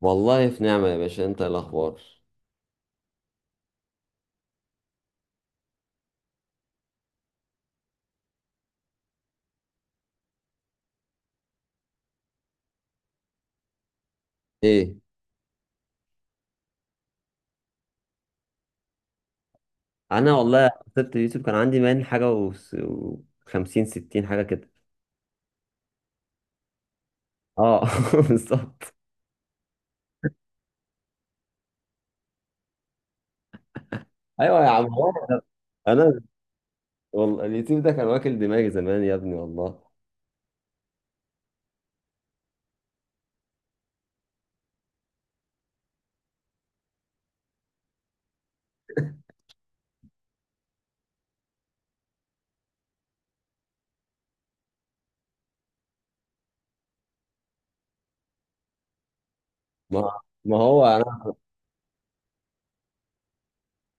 والله في نعمة يا باشا. انت إيه الاخبار؟ ايه. انا والله سبت اليوتيوب كان عندي وخمسين ستين حاجة كده. اه، بالظبط. ايوه يا عم هو انا. أنا والله اليوتيوب ده كان واكل دماغي زمان يا ابني والله. ما هو انا.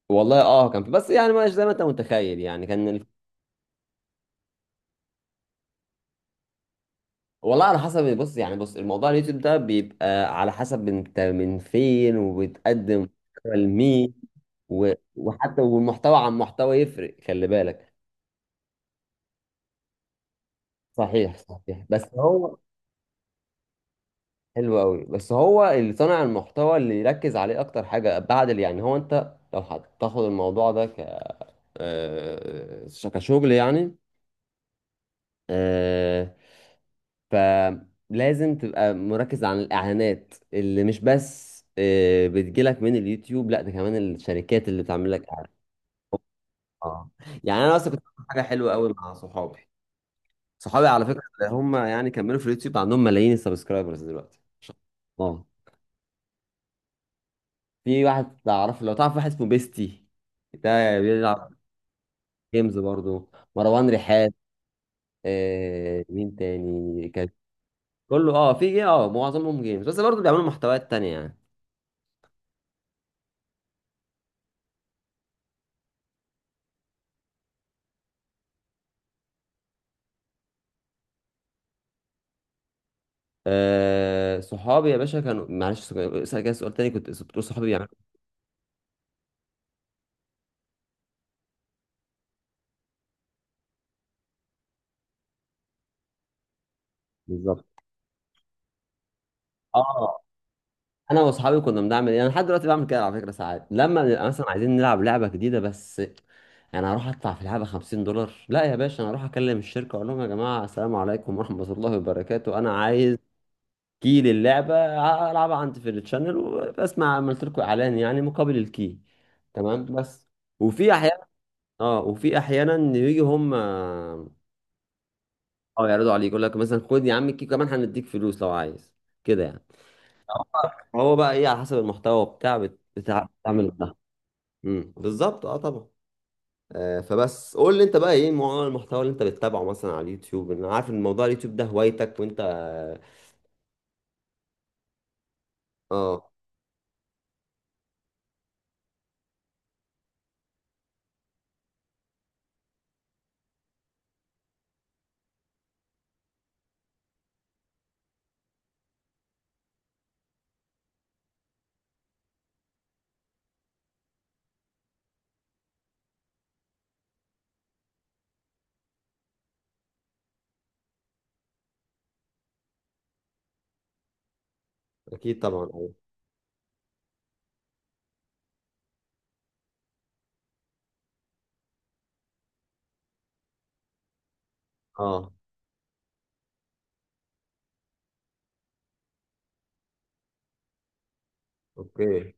والله اه كان في، بس يعني مش زي ما انت متخيل، يعني كان ال... والله على حسب. بص يعني، بص الموضوع، اليوتيوب ده بيبقى على حسب انت من فين وبتقدم محتوى لمين. وحتى والمحتوى عن محتوى يفرق، خلي بالك. صحيح صحيح، بس هو حلو قوي. بس هو اللي صانع المحتوى اللي يركز عليه اكتر حاجه بعد اللي يعني، هو انت لو هتاخد الموضوع ده ك آه، كشغل يعني. آه، فلازم تبقى مركز عن الاعلانات اللي مش بس بتجيلك من اليوتيوب، لا ده كمان الشركات اللي بتعمل لك اعلان. اه، يعني انا اصلا كنت بعمل حاجه حلوه قوي مع صحابي. صحابي على فكره هم يعني كملوا في اليوتيوب، عندهم ملايين السبسكرايبرز دلوقتي. اه، في واحد تعرف، لو تعرف واحد اسمه بيستي، ده بيلعب جيمز برضو. مروان رحاب. آه مين تاني كان؟ كله، اه في اه معظمهم جيمز، بس برضو بيعملوا محتويات تانية يعني. آه صحابي يا باشا كانوا، معلش سؤال كده، سؤال تاني كنت بتقول صحابي بيعملوا. بالظبط. اه، انا واصحابي كنا بنعمل ايه؟ انا لحد دلوقتي بعمل كده على فكره. ساعات لما بنبقى مثلا عايزين نلعب لعبه جديده، بس انا هروح ادفع في لعبه 50$؟ لا يا باشا، انا هروح اكلم الشركه، اقول لهم يا جماعه السلام عليكم ورحمه الله وبركاته، انا عايز كي للعبة ألعبها عندي في التشانل، وبسمع عملت لكم إعلان، يعني مقابل الكي. تمام بس. وفي أحيانا، اه وفي أحيانا يجي هم اه يعرضوا عليك، يقول لك مثلا خد يا عم الكي، كمان هنديك فلوس لو عايز كده يعني. هو بقى ايه على حسب المحتوى بتاع بتعمل ده. امم، بالظبط، اه طبعا. آه، فبس قول لي انت بقى، ايه نوع المحتوى اللي انت بتتابعه مثلا على اليوتيوب؟ انا عارف ان موضوع اليوتيوب ده هوايتك وانت. اه اكيد طبعا. اه. آه، اوكي.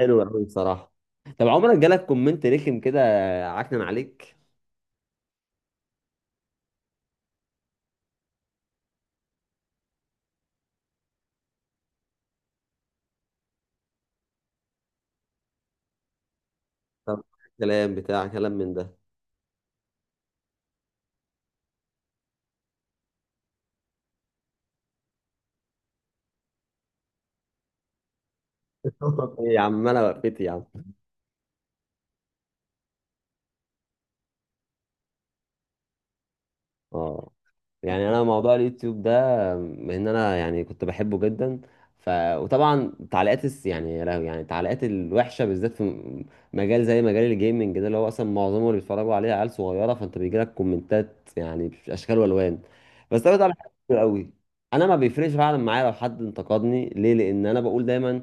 حلو قوي بصراحه. طب عمرك جالك كومنت رخم كده، عكنن عليك؟ طب، كلام بتاع كلام من ده؟ ايه يا عم انا وقفت يا عم. اه، يعني انا موضوع اليوتيوب ده، ان انا يعني كنت بحبه جدا. ف، وطبعا يعني يا لهوي، يعني التعليقات الوحشه، بالذات في مجال زي مجال الجيمنج ده، اللي هو اصلا معظمه اللي بيتفرجوا عليه عيال صغيره، فانت بيجي لك كومنتات يعني باشكال والوان. بس انا بتعمل حاجات كتير قوي. انا ما بيفرقش فعلا معايا لو حد انتقدني، ليه؟ لان انا بقول دايما،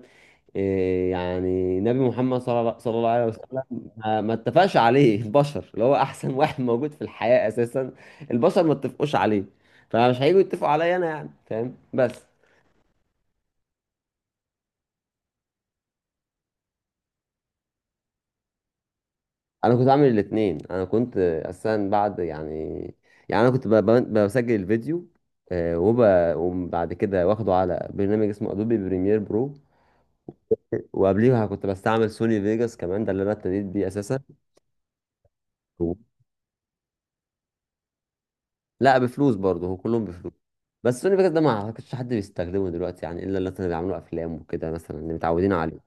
إيه يعني نبي محمد صلى الله عليه وسلم ما اتفقش عليه البشر، اللي هو احسن واحد موجود في الحياة اساسا. البشر ما اتفقوش عليه، فمش هيجوا يتفقوا عليا انا، يعني فاهم بس. انا كنت عامل الاتنين، انا كنت اساسا بعد يعني، يعني انا كنت بسجل الفيديو، آه، وب... وبعد كده واخده على برنامج اسمه ادوبي بريمير برو. وقبليها كنت بستعمل سوني فيجاس كمان، ده اللي انا ابتديت بيه اساسا. لا بفلوس برضه، هو كلهم بفلوس. بس سوني فيجاس ده ما اعتقدش حد بيستخدمه دلوقتي يعني، الا الناس اللي مثلا بيعملوا افلام وكده، مثلا اللي متعودين عليه.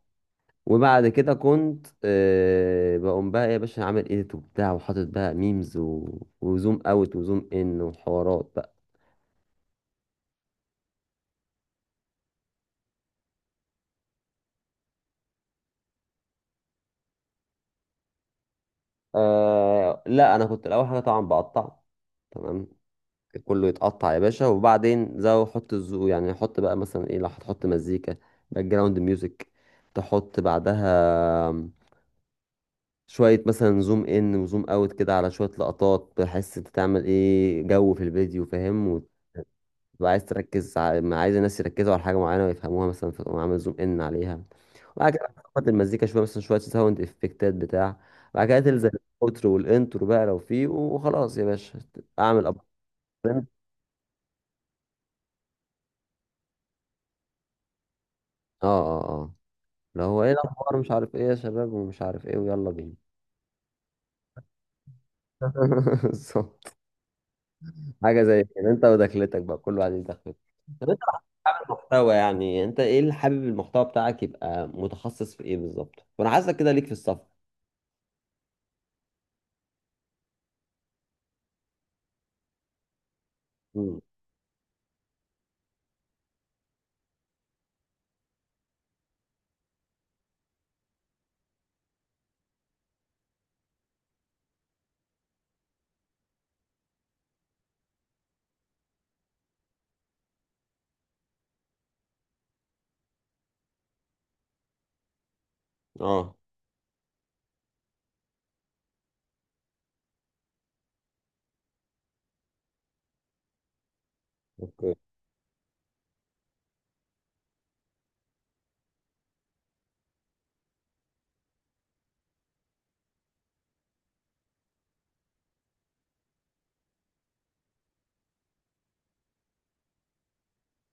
وبعد كده كنت أه بقوم بقى إيه يا باشا، عامل ايديت وبتاع، وحاطط بقى ميمز وزوم اوت وزوم ان وحوارات بقى. أه لا، انا كنت الاول حاجه طبعا بقطع. تمام، كله يتقطع يا باشا. وبعدين زو حط الزو يعني حط بقى مثلا ايه، لو هتحط مزيكا، باك جراوند ميوزك، تحط بعدها شوية مثلا زوم ان وزوم اوت كده على شوية لقطات، بحيث انت تعمل ايه جو في الفيديو، فاهم. وتبقى عايز تركز ما عايز الناس يركزوا على حاجة معينة ويفهموها مثلا، فتقوم عامل زوم ان عليها. وبعد كده تظبط المزيكا شوية، مثلا شوية ساوند افكتات بتاع. بعد كده تلزق الاوترو والانترو بقى لو فيه، وخلاص يا باشا اعمل اب. اه اه اه لو، هو ايه الاخبار مش عارف ايه يا شباب، ومش عارف ايه، ويلا بينا. بالظبط، حاجة زي كده. انت ودخلتك بقى، كل واحد ليه دخلته. عامل محتوى يعني، انت ايه اللي حابب المحتوى بتاعك يبقى متخصص في ايه بالظبط؟ وانا عايزك كده ليك في السفر. امم. اه. اوكي.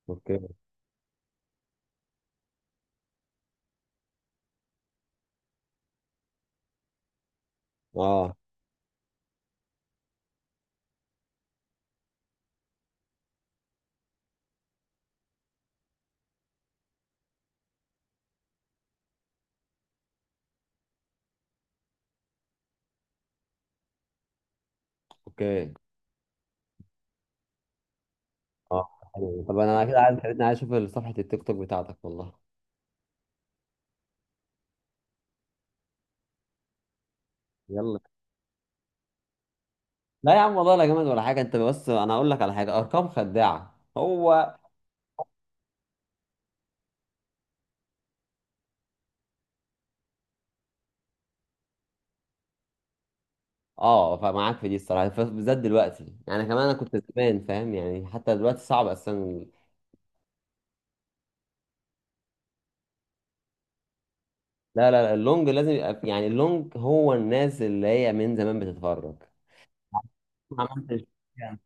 اوكي. اه. اوكي. اه حلو. طب انا كده عايز، خليتني عايز اشوف صفحة التيك توك بتاعتك والله. يلا. لا يا عم والله لا جامد ولا حاجة، انت بس انا اقول لك على حاجة، ارقام خداعة هو. اه، فمعاك في دي الصراحة، بالذات دلوقتي يعني كمان. انا كنت زمان فاهم يعني، حتى دلوقتي صعب اصلا. لا لا لا، اللونج لازم يبقى يعني، اللونج هو الناس اللي هي من زمان بتتفرج. ما عملتش يعني.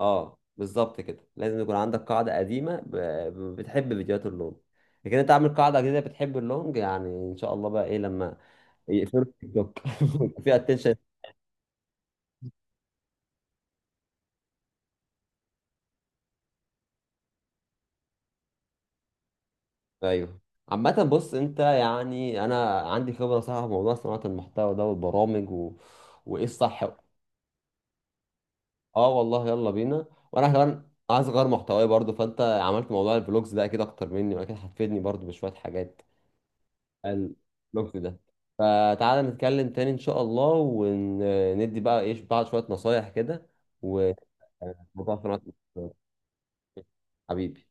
اه بالظبط كده، لازم يكون عندك قاعدة قديمة بتحب فيديوهات اللون. لكن انت عامل قاعدة جديدة بتحب اللونج، يعني ان شاء الله بقى ايه لما يقفلوا التيك توك يبقى في اتنشن. ايوه. عامة بص، انت يعني انا عندي خبرة صح في موضوع صناعة المحتوى ده والبرامج وايه الصح. اه والله يلا بينا. وانا كمان عايز اغير محتواي برضو، فانت عملت موضوع الفلوجز ده اكيد اكتر مني، واكيد هتفيدني برضو بشوية حاجات الوقت ده. فتعالى نتكلم تاني ان شاء الله، وندي بقى ايش بعض شوية نصايح كده. والموضوع في نقطة، حبيبي.